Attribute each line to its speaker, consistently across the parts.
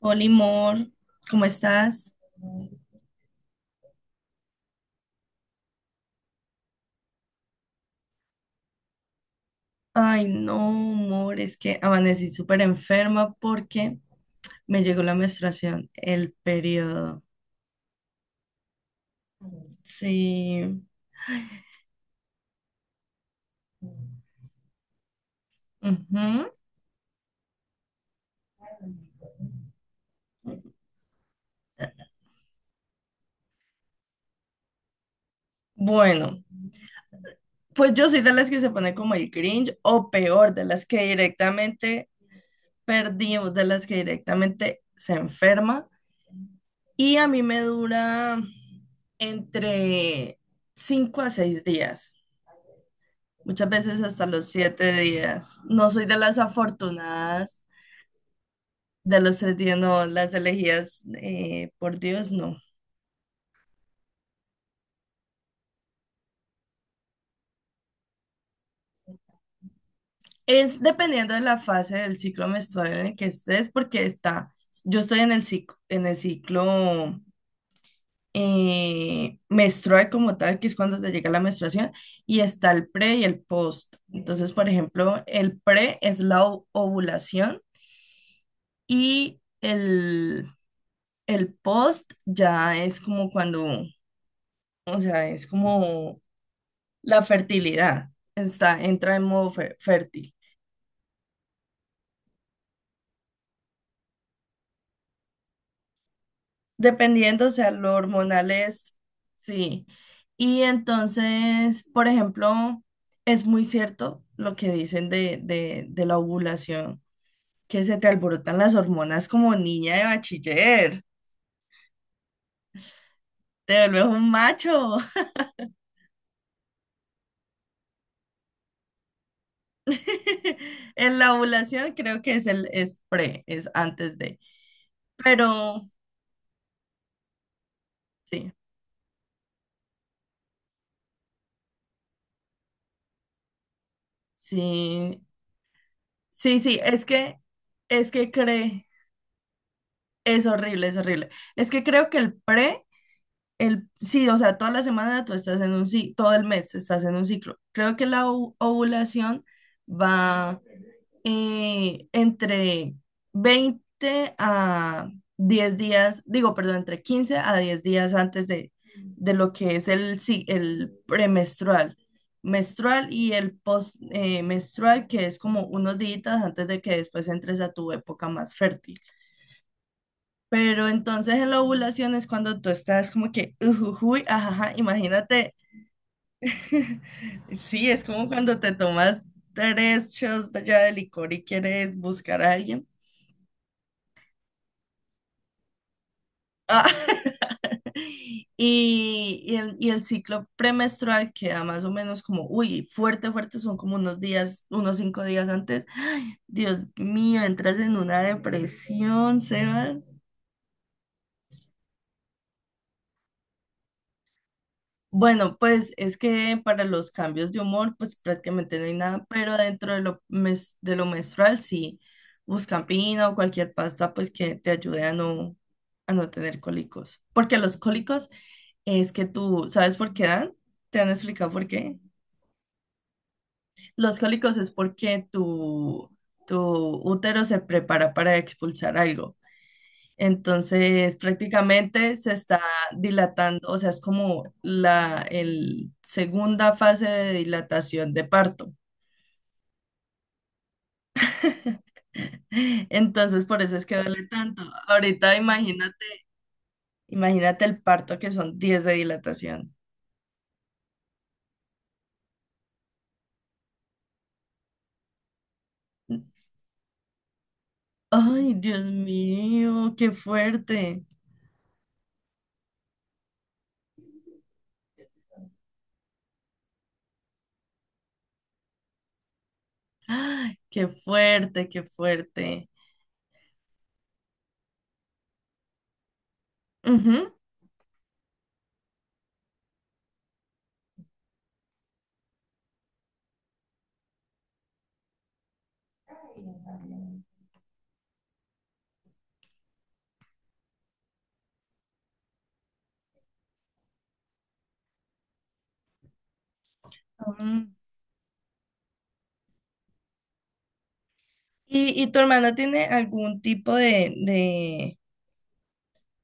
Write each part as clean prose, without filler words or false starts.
Speaker 1: Hola, amor, ¿cómo estás? Ay, no, amor, es que amanecí súper enferma porque me llegó la menstruación, el periodo. Sí. Ujú. Bueno, pues yo soy de las que se pone como el cringe o peor, de las que directamente perdimos, de las que directamente se enferma. Y a mí me dura entre 5 a 6 días. Muchas veces hasta los 7 días. No soy de las afortunadas de los 3 días, no, las elegidas por Dios, no. Es dependiendo de la fase del ciclo menstrual en el que estés, porque está, yo estoy en el ciclo menstrual como tal, que es cuando te llega la menstruación, y está el pre y el post. Entonces, por ejemplo, el pre es la ovulación y el post ya es como cuando, o sea, es como la fertilidad, está, entra en modo fértil. Dependiendo, o sea, lo hormonal es, sí. Y entonces, por ejemplo, es muy cierto lo que dicen de la ovulación, que se te alborotan las hormonas como niña de bachiller, te vuelves un macho. En la ovulación creo que es es pre, es antes de, pero sí. Sí, sí, sí, es que cree, es horrible, es horrible. Es que creo que el pre, el sí, o sea, toda la semana tú estás en un ciclo, todo el mes estás en un ciclo. Creo que la ovulación va entre 20 a 10 días, digo, perdón, entre 15 a 10 días antes de lo que es el, si- el premenstrual, menstrual y el postmenstrual, que es como unos días antes de que después entres a tu época más fértil. Pero entonces en la ovulación es cuando tú estás como que, ujujuy, ajaja, imagínate. Sí, es como cuando te tomas 3 shots ya de licor y quieres buscar a alguien. Ah, y el ciclo premenstrual queda más o menos como, uy, fuerte, fuerte, son como unos días, unos 5 días antes. Ay, Dios mío, entras en una depresión, Sebas. Bueno, pues es que para los cambios de humor, pues prácticamente no hay nada, pero dentro de lo, de lo menstrual, sí, Buscampina o cualquier pasta, pues que te ayude a no tener cólicos. Porque los cólicos es que tú, ¿sabes por qué dan? ¿Te han explicado por qué? Los cólicos es porque tu útero se prepara para expulsar algo. Entonces, prácticamente se está dilatando, o sea, es como la el segunda fase de dilatación de parto. Entonces, por eso es que duele tanto. Ahorita imagínate, imagínate el parto, que son 10 de dilatación. Ay, Dios mío, qué fuerte. Ay, qué fuerte, qué fuerte. Ujú. Mm. ¿Y tu hermana tiene algún tipo de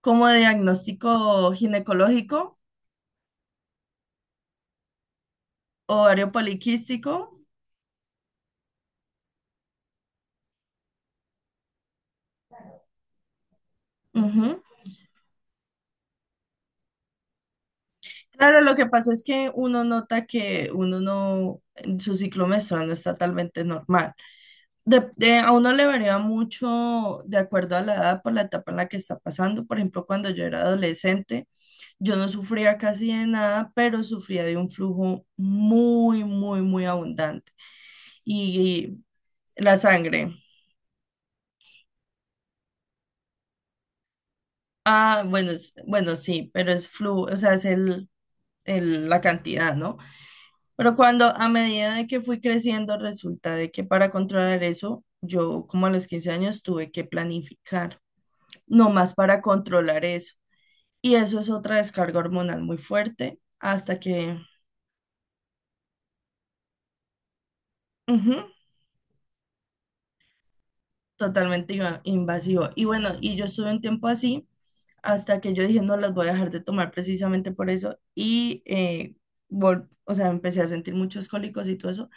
Speaker 1: como de diagnóstico ginecológico? Ovario poliquístico. Ujú. Claro, lo que pasa es que uno nota que uno no, su ciclo menstrual no está totalmente normal. A uno le varía mucho de acuerdo a la edad, por la etapa en la que está pasando. Por ejemplo, cuando yo era adolescente, yo no sufría casi de nada, pero sufría de un flujo muy, muy, muy abundante. Y, y la sangre. Ah, bueno, bueno, sí, pero es flujo, o sea, es el, la cantidad, ¿no? Pero cuando a medida de que fui creciendo, resulta de que para controlar eso, yo como a los 15 años tuve que planificar, no más para controlar eso. Y eso es otra descarga hormonal muy fuerte hasta que, ujú, totalmente invasivo. Y bueno, y yo estuve un tiempo así hasta que yo dije, no las voy a dejar de tomar precisamente por eso. Y, o sea, empecé a sentir muchos cólicos y todo eso.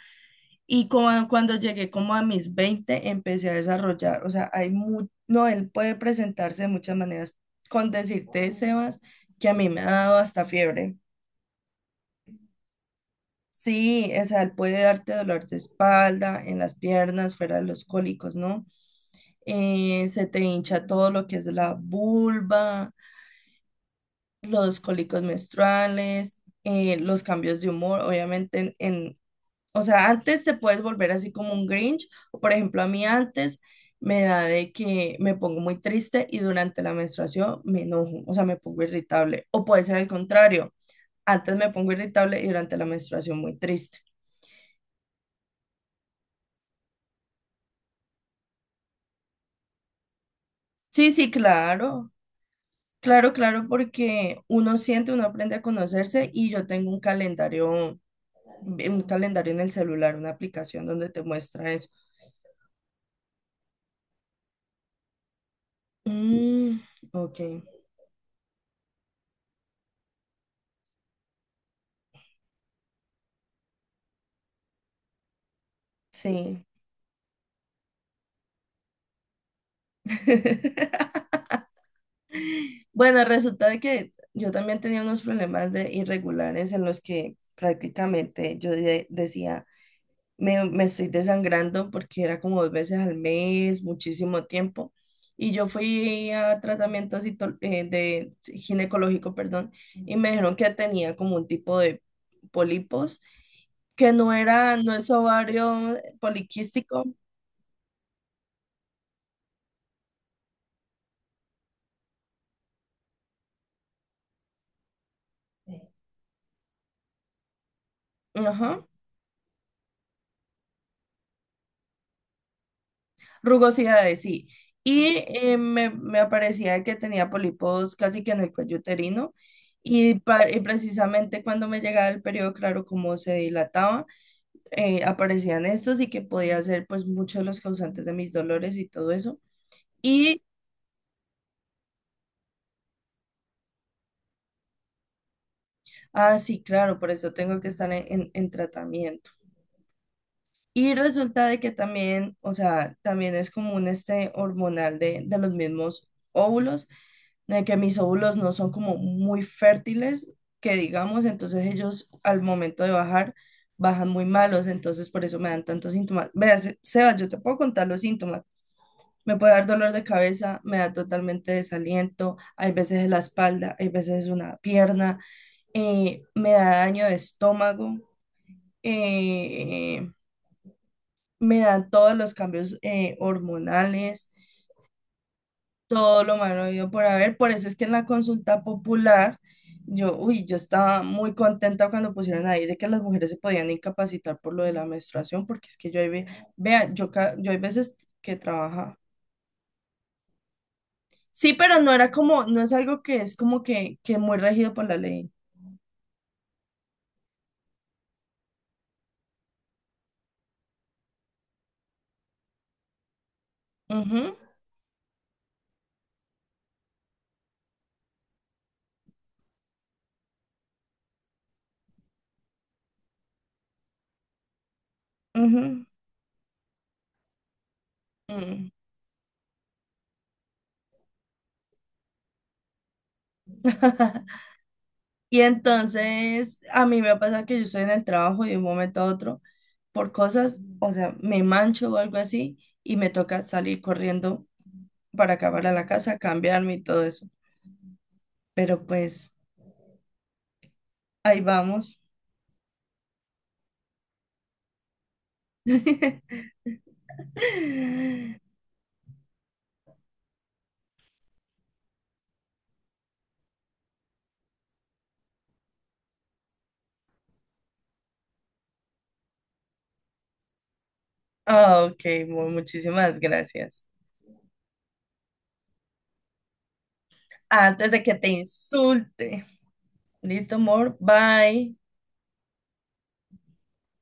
Speaker 1: Y como cuando llegué como a mis 20 empecé a desarrollar, o sea, no, él puede presentarse de muchas maneras, con decirte, Sebas, que a mí me ha dado hasta fiebre. Sí, o sea, él puede darte dolor de espalda, en las piernas, fuera de los cólicos, ¿no? Se te hincha todo lo que es la vulva, los cólicos menstruales, los cambios de humor, obviamente en o sea, antes te puedes volver así como un Grinch. O por ejemplo, a mí antes me da de que me pongo muy triste y durante la menstruación me enojo, o sea, me pongo irritable. O puede ser al contrario, antes me pongo irritable y durante la menstruación muy triste. Sí, sí, claro, claro, claro, porque uno siente, uno aprende a conocerse y yo tengo un calendario en el celular, una aplicación donde te muestra eso. Mm, ok, sí. Bueno, resulta de que yo también tenía unos problemas de irregulares en los que prácticamente yo decía, me estoy desangrando porque era como 2 veces al mes, muchísimo tiempo. Y yo fui a tratamiento de ginecológico, perdón, y me dijeron que tenía como un tipo de pólipos, que no era, no es ovario poliquístico, ajá, rugosidades, sí. Y me aparecía que tenía pólipos casi que en el cuello uterino. Y, y precisamente cuando me llegaba el periodo, claro, como se dilataba, aparecían estos y que podía ser pues muchos de los causantes de mis dolores y todo eso. Y, ah, sí, claro, por eso tengo que estar en tratamiento. Y resulta de que también, o sea, también es como un este hormonal de los mismos óvulos, de que mis óvulos no son como muy fértiles, que digamos, entonces ellos al momento de bajar, bajan muy malos, entonces por eso me dan tantos síntomas. Veas, Sebas, yo te puedo contar los síntomas. Me puede dar dolor de cabeza, me da totalmente desaliento, hay veces en la espalda, hay veces en una pierna, me da daño de estómago. eh, me dan todos los cambios hormonales, todo lo malo habido por haber. Por eso es que en la consulta popular, yo, uy, yo estaba muy contenta cuando pusieron ahí de que las mujeres se podían incapacitar por lo de la menstruación, porque es que yo ahí ve, vea, yo, yo hay veces que trabaja. Sí, pero no era como, no es algo que es como que muy regido por la ley. Ujú, ujú, mm. Y entonces a mí me pasa que yo estoy en el trabajo y de un momento a otro por cosas, o sea, me mancho o algo así y me toca salir corriendo para acabar a la casa, cambiarme y todo eso. Pero pues ahí vamos. Ah, ok, muchísimas gracias. Antes de que te insulte. Listo, amor. Bye.